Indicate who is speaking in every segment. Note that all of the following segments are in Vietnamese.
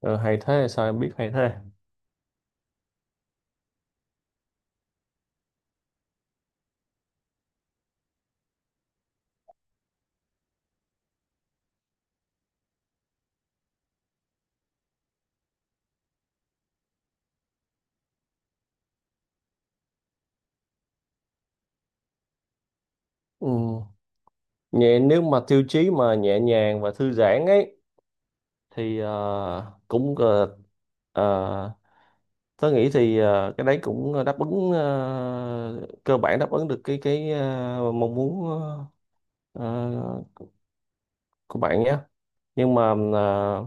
Speaker 1: Ờ, hay thế, sao em biết hay thế? Ừ. nhẹ nếu mà tiêu chí mà nhẹ nhàng và thư giãn ấy, thì ờ, tớ nghĩ thì, cái đấy cũng đáp ứng, cơ bản đáp ứng được cái mong muốn ờ, của bạn nhé. Nhưng mà,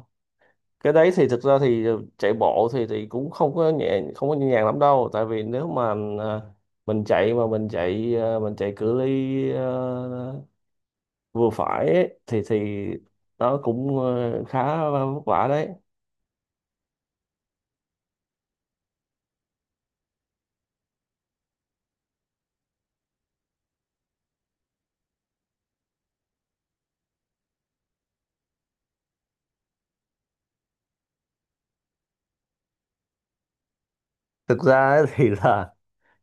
Speaker 1: cái đấy thì thực ra thì chạy bộ thì cũng không có nhẹ nhàng lắm đâu, tại vì nếu mà, ờ, mình chạy mà mình chạy cự ly, vừa phải ấy, thì nó cũng khá vất vả đấy. Thực ra ấy thì là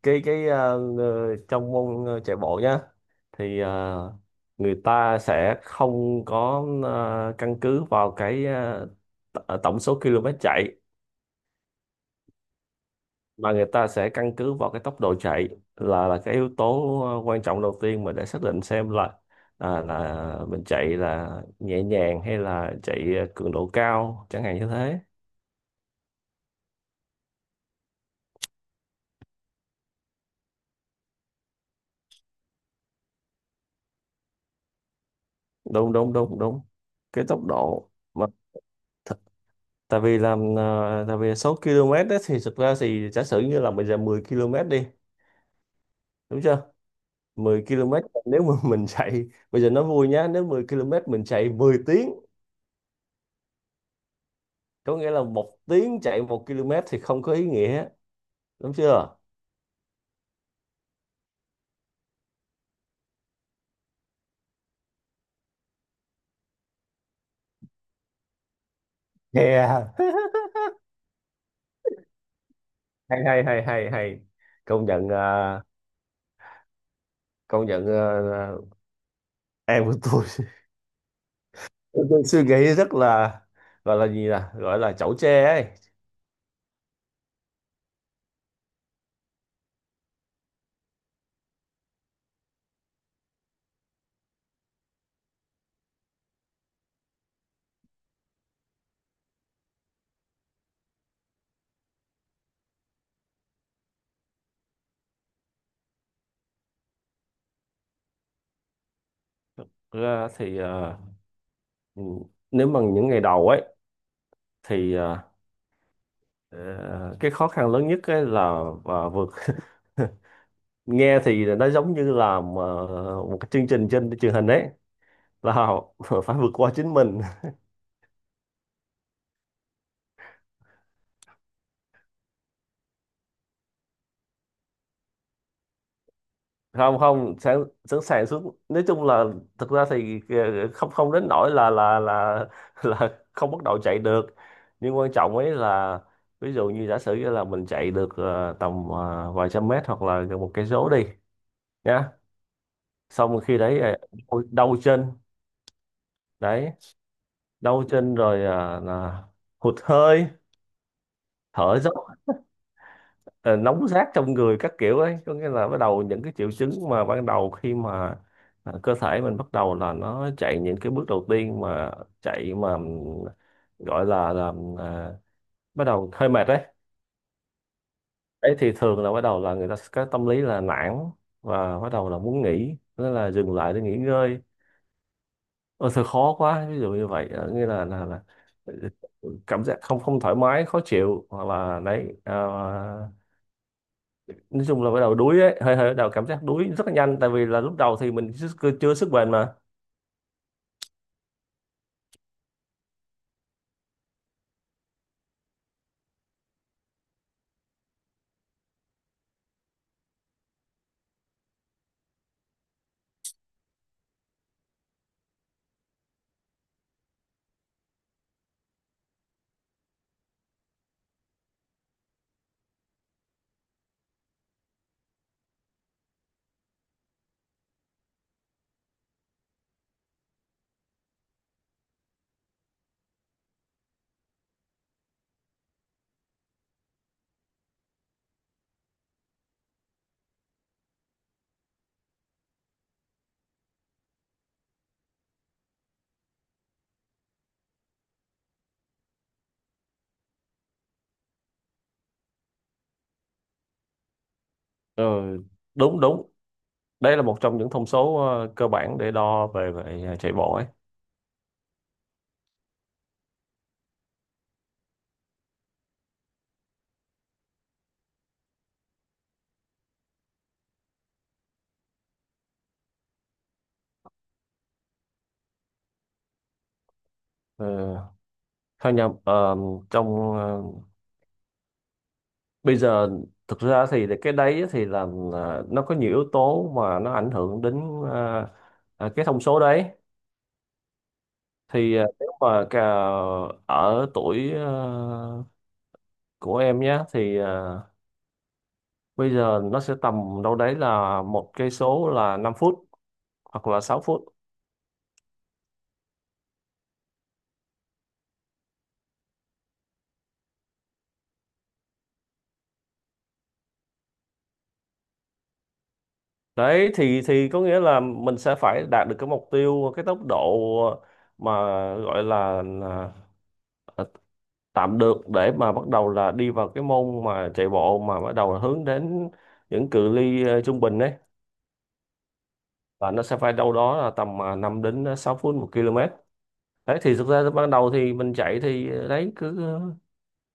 Speaker 1: cái trong môn, chạy bộ nhá, thì người ta sẽ không có, căn cứ vào cái, tổng số km chạy, mà người ta sẽ căn cứ vào cái tốc độ chạy, là cái yếu tố quan trọng đầu tiên mà để xác định xem là mình chạy là nhẹ nhàng hay là chạy cường độ cao, chẳng hạn như thế. Đúng đúng đúng đúng, cái tốc độ mà, th- tại vì số km đó thì thực ra thì giả sử như là bây giờ 10 km đi, đúng chưa? 10 km, nếu mà mình chạy bây giờ nó vui nhá, nếu 10 km mình chạy 10 tiếng, có nghĩa là một tiếng chạy một km thì không có ý nghĩa, đúng chưa? Yeah. Hay hay hay hay hay, công nhận công nhận ờ, ờ, em của tôi tôi suy nghĩ rất là, gọi là gì nè, gọi là chẩu tre ấy. Thực ra thì, à, ừ, nếu mà những ngày đầu ấy thì, ờ, cái khó khăn lớn nhất ấy là và vượt, nghe thì nó giống như là mà một cái chương trình trên truyền hình ấy, là phải vượt qua chính mình. Không không, sẵn sẵn sàng xuống, nói chung là thực ra thì không không đến nỗi là không bắt đầu chạy được, nhưng quan trọng ấy là ví dụ như giả sử như là mình chạy được, tầm, vài trăm mét hoặc là gần một cây số đi nhá, xong rồi khi đấy, à, ôi, đau chân. Đấy, đau chân rồi, à, là hụt hơi, thở dốc, ờ, nóng rát trong người các kiểu ấy, có nghĩa là bắt đầu những cái triệu chứng mà ban đầu khi mà, à, cơ thể mình bắt đầu là nó chạy những cái bước đầu tiên mà chạy mà, gọi là à, bắt đầu hơi mệt đấy. Ấy thì thường là bắt đầu là người ta sẽ có tâm lý là nản, và bắt đầu là muốn nghỉ nên là dừng lại để nghỉ ngơi, ôi thôi khó quá, ví dụ như vậy, nghĩa là là cảm giác không không thoải mái khó chịu, hoặc là đấy, à, nói chung là bắt đầu đuối ấy, hơi hơi bắt đầu cảm giác đuối rất là nhanh, tại vì là lúc đầu thì mình chưa sức bền mà. Ừ, đúng đúng, đây là một trong những thông số cơ bản để đo về về ờ, chạy bộ ấy. Ừ, thôi nhầm, trong ờ, bây giờ thực ra thì cái đấy thì là nó có nhiều yếu tố mà nó ảnh hưởng đến, cái thông số đấy, thì nếu mà cả ở tuổi, của em nhé thì, bây giờ nó sẽ tầm đâu đấy là một cây số là 5 phút hoặc là 6 phút. Đấy thì có nghĩa là mình sẽ phải đạt được cái mục tiêu cái tốc độ mà gọi là tạm được để mà bắt đầu là đi vào cái môn mà chạy bộ mà bắt đầu hướng đến những cự ly, trung bình đấy, và nó sẽ phải đâu đó là tầm, à, 5 đến 6 phút một km. Đấy thì thực ra ban đầu thì mình chạy thì, đấy cứ,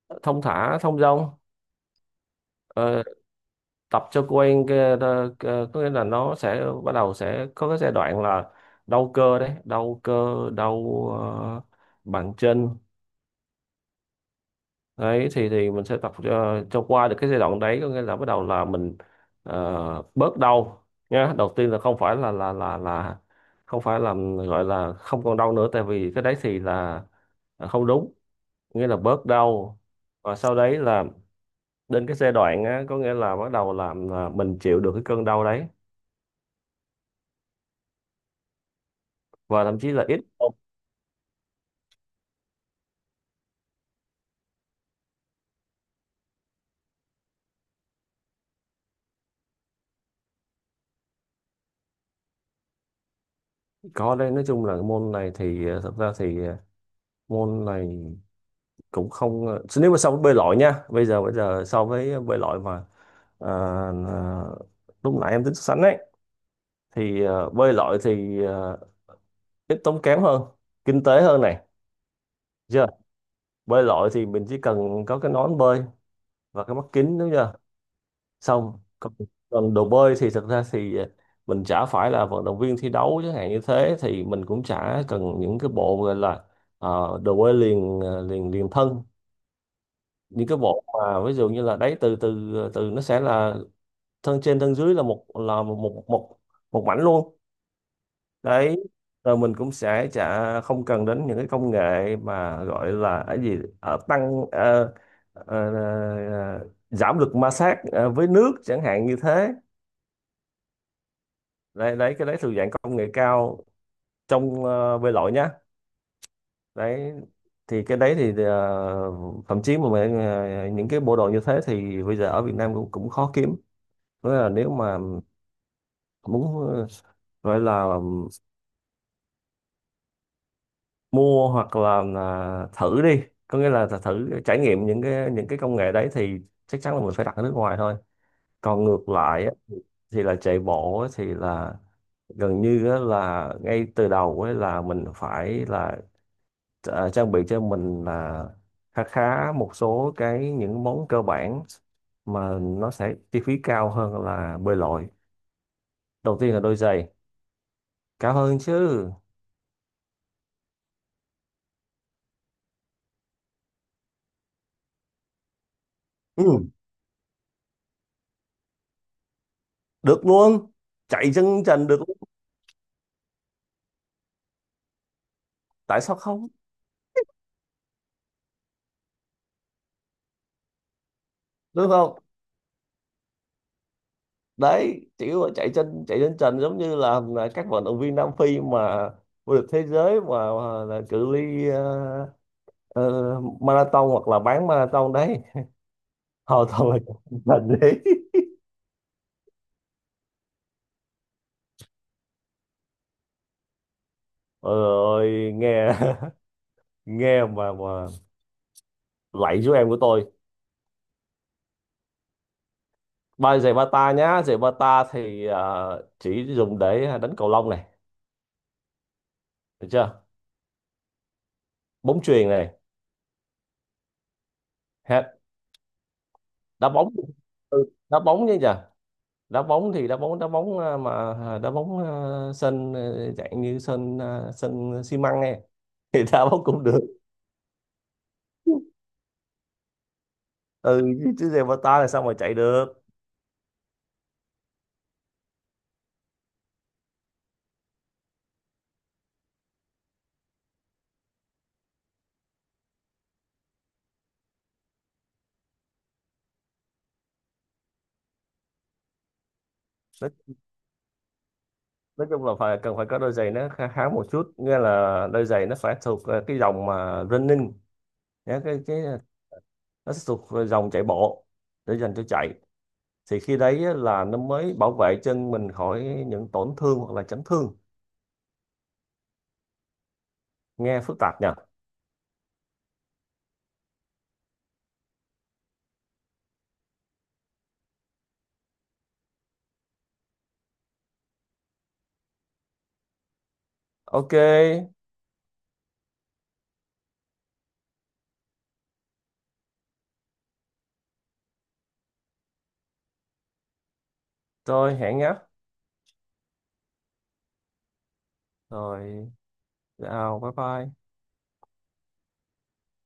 Speaker 1: ờ, thông thả thông dong. Ờ, tập cho quen cái, có nghĩa là nó sẽ bắt đầu sẽ có cái giai đoạn là đau cơ, đấy, đau cơ, đau, ờ, bàn chân. Đấy thì mình sẽ tập cho, qua được cái giai đoạn đấy, có nghĩa là bắt đầu là mình, bớt đau nhá. Đầu tiên là không phải là không phải là gọi là không còn đau nữa, tại vì cái đấy thì là không đúng, nghĩa là bớt đau, và sau đấy là đến cái giai đoạn á, có nghĩa là bắt đầu làm là mình chịu được cái cơn đau đấy, và thậm chí là ít. Có đây, nói chung là cái môn này thì, thật ra thì, môn này cũng không, nếu mà so với bơi lội nha, bây giờ so với bơi lội mà, ờ, ờ, lúc nãy em tính so sánh ấy, thì, bơi lội thì, ít tốn kém hơn, kinh tế hơn này, chưa? Bơi lội thì mình chỉ cần có cái nón bơi và cái mắt kính, đúng chưa? Xong còn đồ bơi thì thật ra thì mình chả phải là vận động viên thi đấu chẳng hạn như thế, thì mình cũng chả cần những cái bộ gọi là, đồ bơi liền, ờ, liền liền thân, những cái bộ mà ví dụ như là đấy từ từ từ nó sẽ là thân trên thân dưới là một một một mảnh luôn. Đấy, rồi mình cũng sẽ chả không cần đến những cái công nghệ mà gọi là cái gì, tăng, ờ, ờ, giảm lực ma sát với nước, chẳng hạn như thế. Đấy, đấy cái đấy thuộc dạng công nghệ cao trong, bơi lội nhá. Đấy thì cái đấy thì, thậm chí mà mình, những cái bộ đồ như thế thì bây giờ ở Việt Nam cũng cũng khó kiếm. Thế là nếu mà muốn, gọi là mua hoặc là thử đi, có nghĩa là thử trải nghiệm những cái công nghệ đấy, thì chắc chắn là mình phải đặt ở nước ngoài thôi. Còn ngược lại á, thì là chạy bộ á, thì là gần như á là ngay từ đầu ấy là mình phải là, trang bị cho mình là khá khá một số cái những món cơ bản mà nó sẽ chi phí cao hơn là bơi lội. Đầu tiên là đôi giày. Cao hơn chứ. Ừ, được luôn, chạy chân trần được luôn. Tại sao không? Đúng không? Đấy, chỉ có chạy chân trần, giống như là các vận động viên Nam Phi mà vô địch thế giới mà là cự ly, marathon hoặc là bán marathon đấy, họ toàn là chạy chân trần đấy. Ôi ơi, nghe nghe mà lạy chú em của tôi. Ba giày bata nhá, giày bata thì, à, chỉ dùng để đánh cầu lông này, được chưa, bóng chuyền này, hết, đá bóng. Ừ, đá bóng chứ nhờ. Đá bóng thì đá bóng, à, mà, à, đá bóng, à, sân, à, dạng như sân, à, sân xi măng này thì đá bóng cũng được. Ừ, chứ giày bata là sao mà chạy được? nói, nói chung là phải cần phải có đôi giày nó khá khá một chút, nghĩa là đôi giày nó phải thuộc, à, cái dòng mà running nhá, cái nó sẽ thuộc dòng chạy bộ, để dành cho chạy, thì khi đấy là nó mới bảo vệ chân mình khỏi những tổn thương hoặc là chấn thương. Nghe phức tạp nhỉ. Ok rồi, hẹn nhé. Rồi, chào bye bye.